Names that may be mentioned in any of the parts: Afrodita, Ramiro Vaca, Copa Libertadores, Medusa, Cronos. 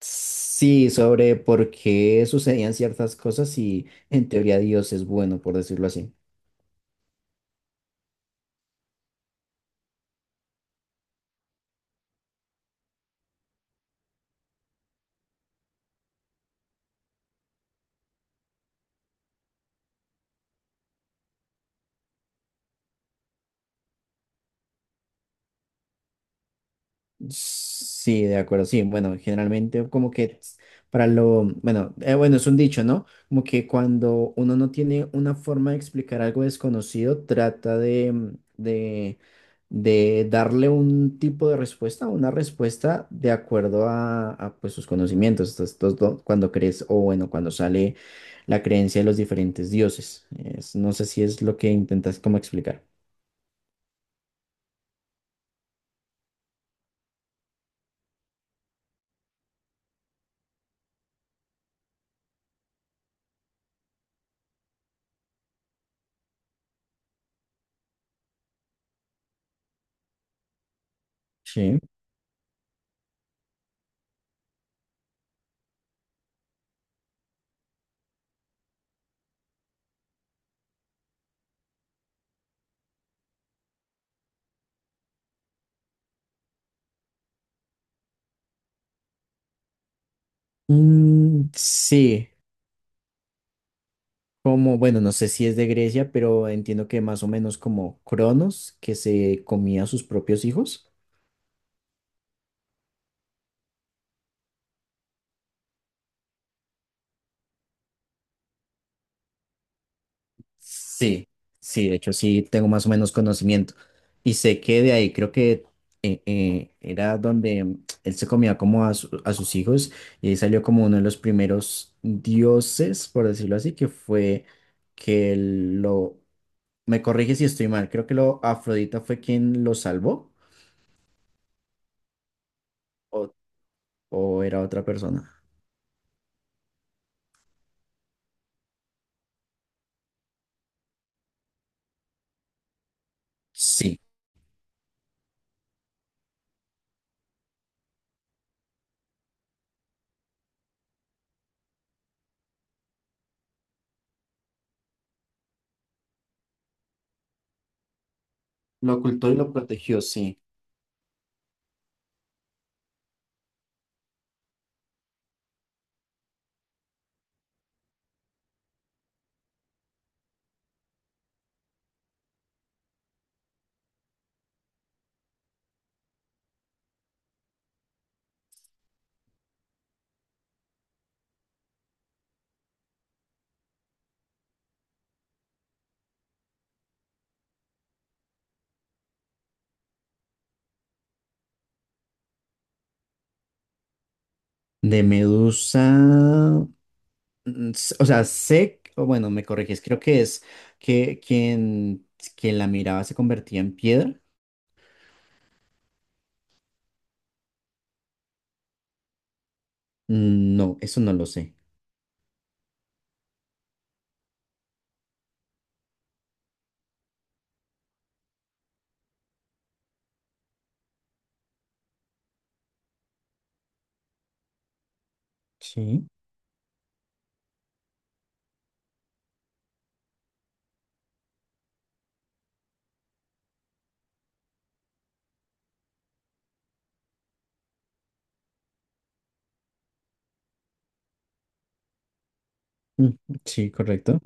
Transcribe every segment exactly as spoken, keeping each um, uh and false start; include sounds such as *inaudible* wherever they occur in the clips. Sí, sobre por qué sucedían ciertas cosas y en teoría Dios es bueno, por decirlo así. Sí, de acuerdo, sí. Bueno, generalmente como que es para lo, bueno, eh, bueno, es un dicho, ¿no? Como que cuando uno no tiene una forma de explicar algo desconocido, trata de, de darle un tipo de respuesta, una respuesta de acuerdo a, a, pues, sus conocimientos. Estos- estos do- cuando crees, o bueno, cuando sale la creencia de los diferentes dioses. Es- no sé si es lo que intentas como explicar. Sí. Mm, sí, como, bueno, no sé si es de Grecia, pero entiendo que más o menos como Cronos, que se comía a sus propios hijos. Sí, sí, de hecho sí tengo más o menos conocimiento. Y sé que de ahí creo que eh, eh, era donde mm, él se comía como a, su- a sus hijos y ahí salió como uno de los primeros dioses, por decirlo así, que fue que lo... Me corrige si estoy mal, creo que lo Afrodita fue quien lo salvó o, o era otra persona. Sí, lo ocultó y lo protegió, sí. De Medusa. Mm, s- O sea, sé, o bueno, me corriges, creo que es que quien, quien la miraba se convertía en piedra. Mm, no, eso no lo sé. Sí, mm, sí, correcto.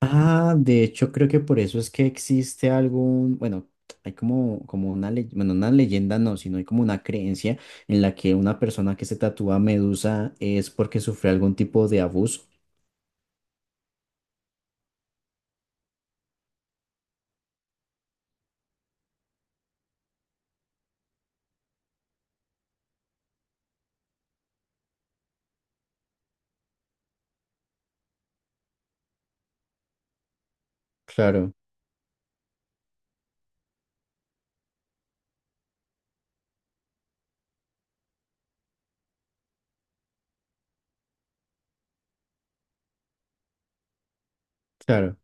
Ah, de hecho, creo que por eso es que existe algún, bueno, hay como, como una leyenda, bueno, una leyenda no, sino hay como una creencia en la que una persona que se tatúa medusa es porque sufre algún tipo de abuso. Claro, claro.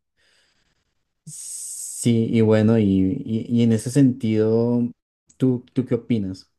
Sí, y bueno, y, y- y en ese sentido, ¿tú, tú qué opinas?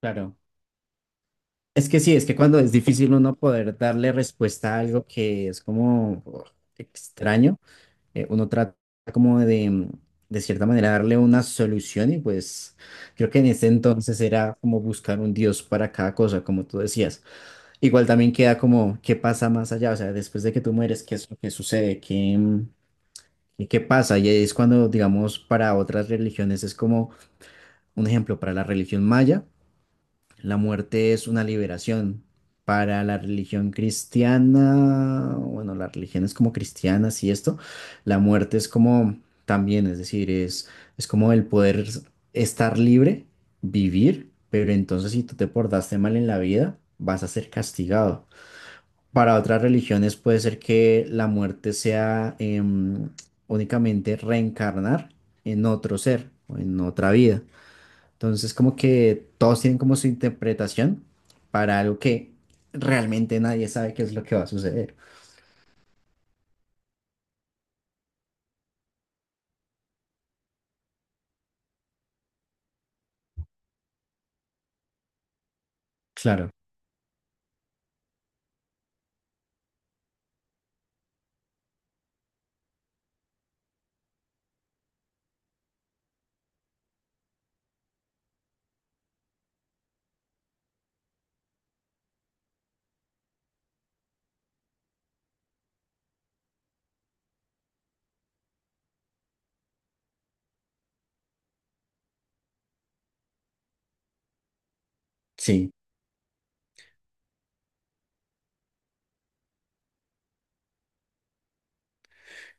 Claro. Es que sí, es que cuando es difícil uno poder darle respuesta a algo que es como oh, extraño, eh, uno trata como de, de cierta manera, darle una solución y pues creo que en ese entonces era como buscar un Dios para cada cosa, como tú decías. Igual también queda como, ¿qué pasa más allá? O sea, después de que tú mueres, ¿qué es lo que sucede? ¿Qué, ¿y qué pasa? Y es cuando, digamos, para otras religiones es como un ejemplo, para la religión maya, la muerte es una liberación. Para la religión cristiana, bueno, las religiones como cristianas y esto, la muerte es como también, es decir, es, es como el poder estar libre, vivir, pero entonces si tú te portaste mal en la vida, vas a ser castigado. Para otras religiones puede ser que la muerte sea em, únicamente reencarnar en otro ser o en otra vida. Entonces, como que todos tienen como su interpretación para algo que realmente nadie sabe qué es lo que va a suceder. Claro, sí,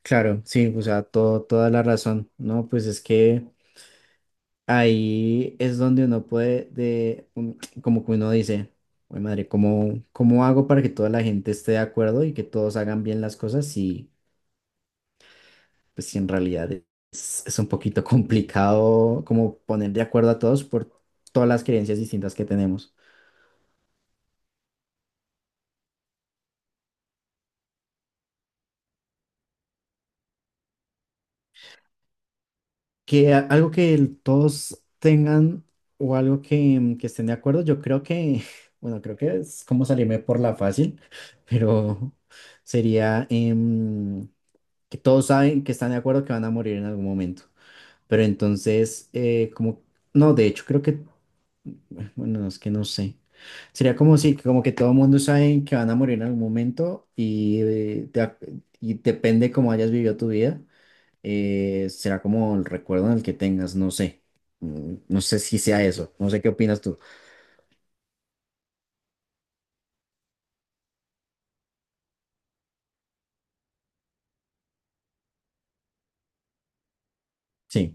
claro, sí, o sea, todo, toda la razón, ¿no? Pues es que ahí es donde uno puede, de, un- como que uno dice, "Uy, madre, ¿cómo, cómo hago para que toda la gente esté de acuerdo y que todos hagan bien las cosas? Si pues si en realidad es, es un poquito *laughs* complicado como poner de acuerdo a todos por todas las creencias distintas que tenemos. Que a- algo que el- todos tengan o algo que, mm, que estén de acuerdo, yo creo que, *laughs* bueno, creo que es como salirme por la fácil, *laughs* pero sería... em, que todos saben que están de acuerdo que van a morir en algún momento. Pero entonces, eh, como, no, de hecho creo que, bueno, no, es que no sé. Sería como si, como que todo el mundo sabe que van a morir en algún momento y, eh, de ac- y depende cómo hayas vivido tu vida, eh, será como el recuerdo en el que tengas, no sé. Mm, no sé si sea eso, no sé qué opinas tú. Sí,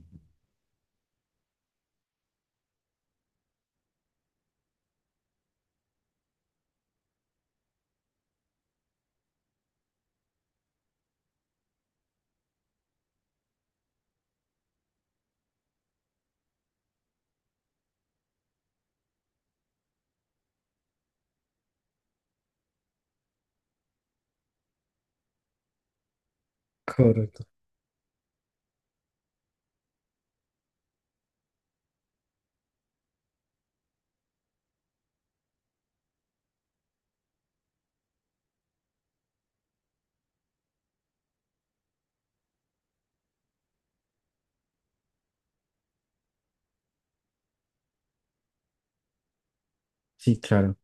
correcto. Sí, claro.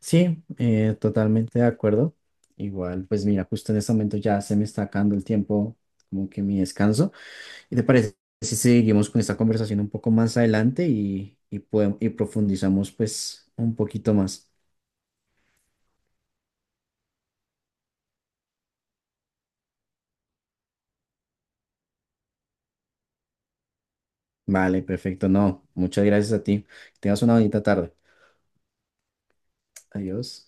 Sí, eh, totalmente de acuerdo. Igual, pues mira, justo en este momento ya se me está acabando el tiempo, como que mi descanso. ¿Y te parece si seguimos con esta conversación un poco más adelante y, y, podem- y profundizamos pues un poquito más? Vale, perfecto. No, muchas gracias a ti. Que tengas una bonita tarde. Adiós.